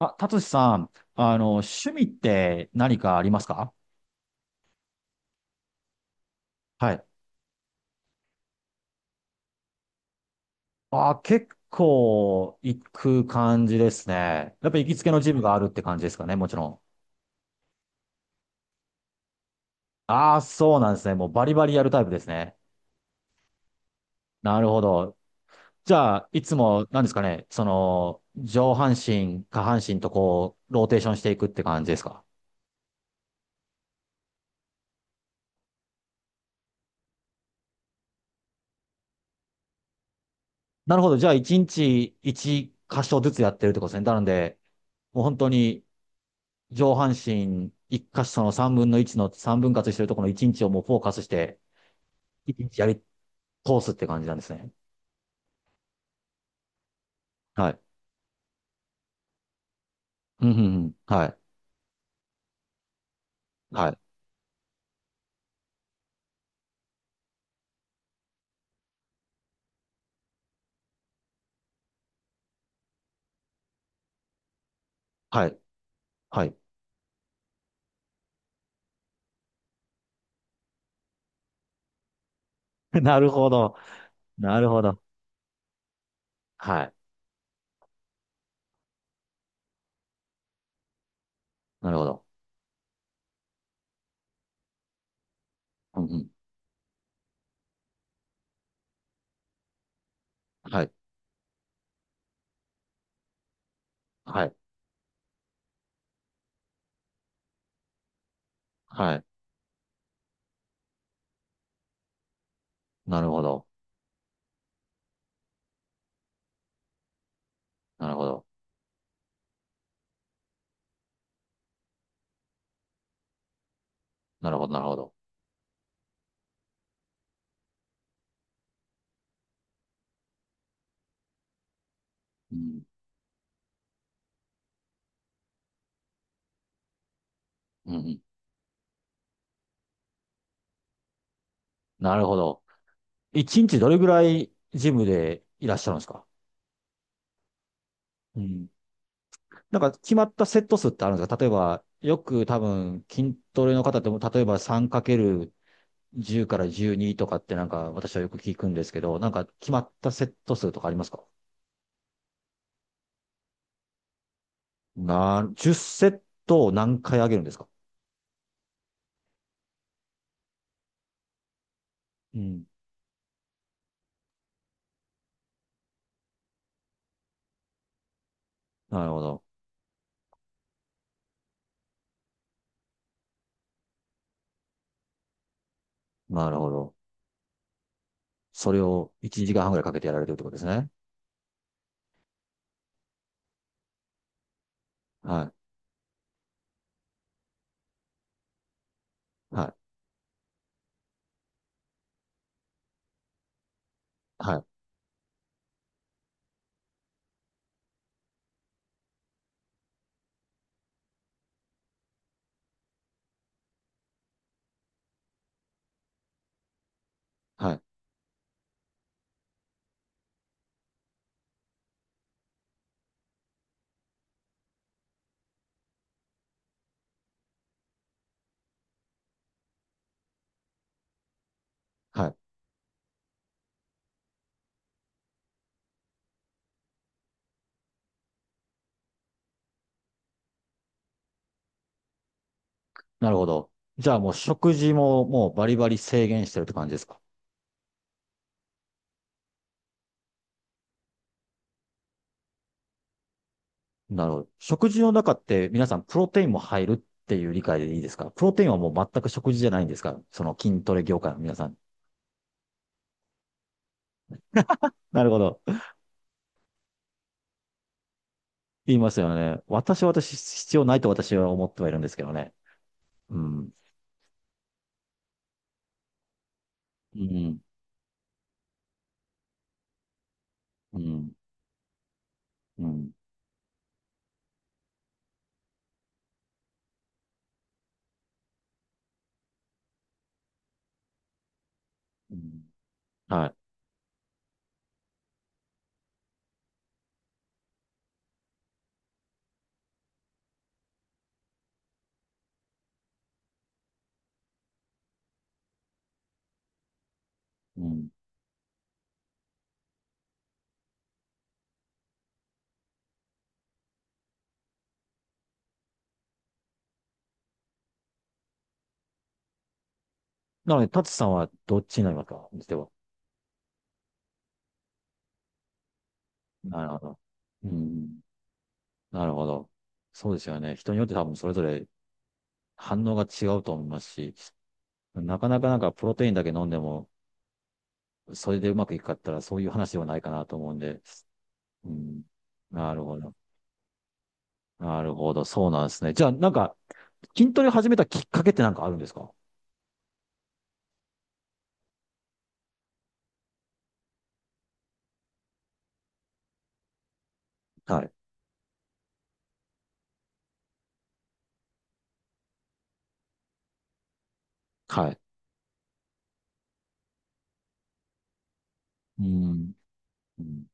あ、達志さん、趣味って何かありますか？はい。あ、結構行く感じですね。やっぱ行きつけのジムがあるって感じですかね、もちろん。ああ、そうなんですね。もうバリバリやるタイプですね。なるほど。じゃあ、いつも、なんですかね、上半身、下半身とこう、ローテーションしていくって感じですか？なるほど。じゃあ、1日1箇所ずつやってるってことですね。なので、もう本当に上半身一箇所の三分の1の三分割してるところの一日をもうフォーカスして、一日やり通すって感じなんですね。はい。うん、うん、うん。はい。はい。はい。はい。なるほど。なるほど。はい。なるほど。うん、うん。はい。はい。はい。なるほど。なるほど。なるほど。なるほど。うん。うん、うん。なるほど。一日どれぐらいジムでいらっしゃるんですか？うん。なんか決まったセット数ってあるんですか？例えば、よく多分筋トレの方でも、例えば 3×10 かける10から12とかってなんか私はよく聞くんですけど、なんか決まったセット数とかありますか？10セットを何回上げるんですか？うん。なるほど。なるほど。それを1時間半ぐらいかけてやられてるってことですね。はい。はい。はい。はい。はい。なるほど。じゃあもう食事ももうバリバリ制限してるって感じですか？なるほど。食事の中って皆さんプロテインも入るっていう理解でいいですか？プロテインはもう全く食事じゃないんですか？その筋トレ業界の皆さん。なるほど。言いますよね。私必要ないと私は思ってはいるんですけどね。うん。うん。うん。うん。うんはい。うん。なので、タツさんはどっちになりますかでは。なるほど。うん。なるほど。そうですよね。人によって多分それぞれ反応が違うと思いますし、なかなかなんかプロテインだけ飲んでもそれでうまくいくかって言ったら、そういう話ではないかなと思うんで。うん。なるほど。なるほど。そうなんですね。じゃあ、なんか、筋トレ始めたきっかけってなんかあるんですか？はい。はい。うん。うん。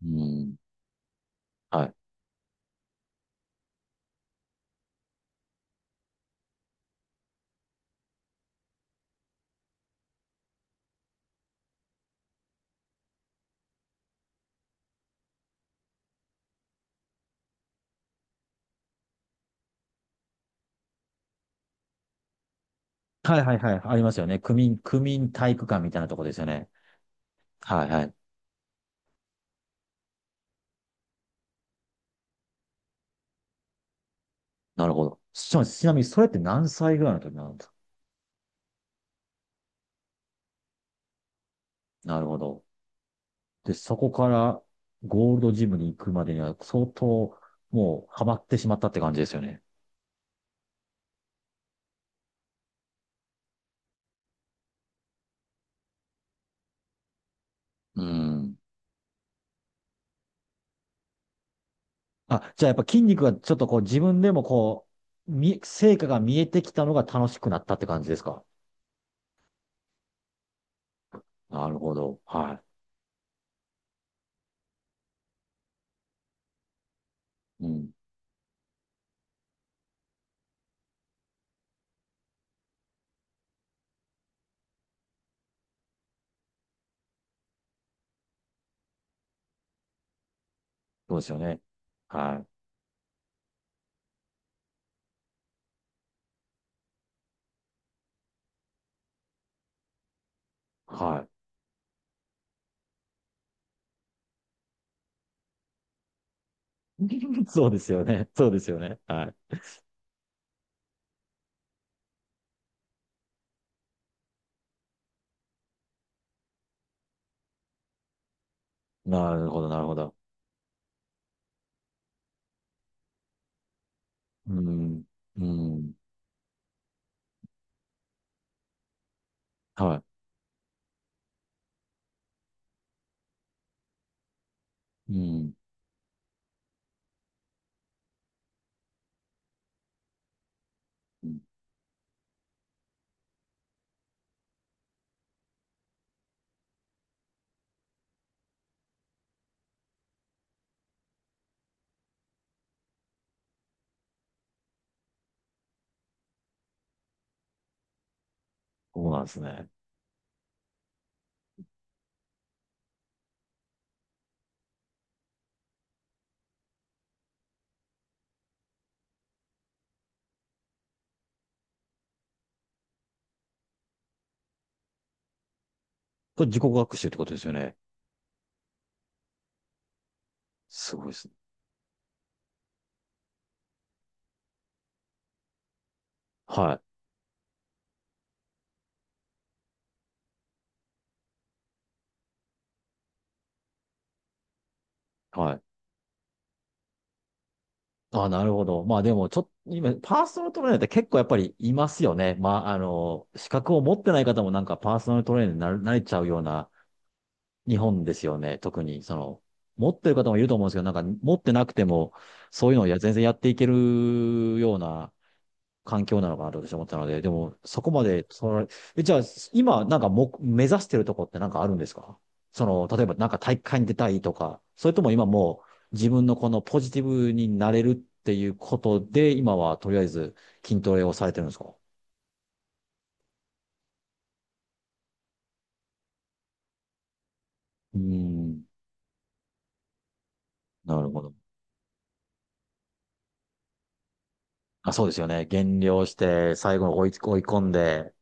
うんはい。はいはいはい。ありますよね。区民体育館みたいなとこですよね。はいはい。なるほど。ちなみに、それって何歳ぐらいの時なんですか？なるほど。で、そこからゴールドジムに行くまでには相当もうハマってしまったって感じですよね。うん。あ、じゃあやっぱ筋肉がちょっとこう自分でもこう、成果が見えてきたのが楽しくなったって感じですか？なるほど。はい。うん。そうですよね。はい。はい。そうですよね。そうですよね。はい。なるほど、なるほど。うん。うん。はい。うん。うんそうなんですね。これ自己学習ってことですよね。すごいですね。はい。はい。あ、なるほど。まあでも、ちょっと、今、パーソナルトレーナーって結構やっぱりいますよね。まあ、資格を持ってない方もなんかパーソナルトレーナーになれちゃうような日本ですよね。特に、その、持ってる方もいると思うんですけど、なんか持ってなくても、そういうのを全然やっていけるような環境なのかなと私は思ったので、でも、そこまで、じゃあ、今、なんかも、目指してるとこってなんかあるんですか？その、例えばなんか大会に出たいとか、それとも今もう自分のこのポジティブになれるっていうことで、今はとりあえず筋トレをされてるんですか？うーん、なるほど。あ、そうですよね。減量して、最後に追い込んで、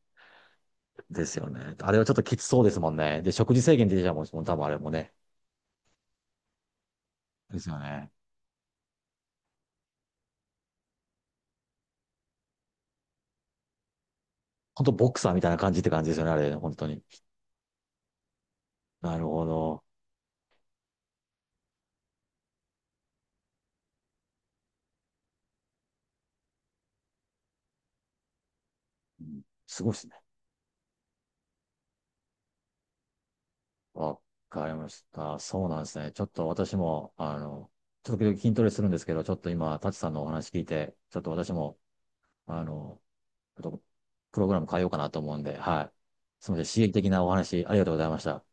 ですよね。あれはちょっときつそうですもんね。で、食事制限出てたもん、多分あれもね。ですよね。本当ボクサーみたいな感じって感じですよね、あれ、本当に。なるほど。すごいですね。わかりました。そうなんですね。ちょっと私も、時々筋トレするんですけど、ちょっと今、タチさんのお話聞いて、ちょっと私も、あの、ちょっとプログラム変えようかなと思うんで、はい。すみません。刺激的なお話、ありがとうございました。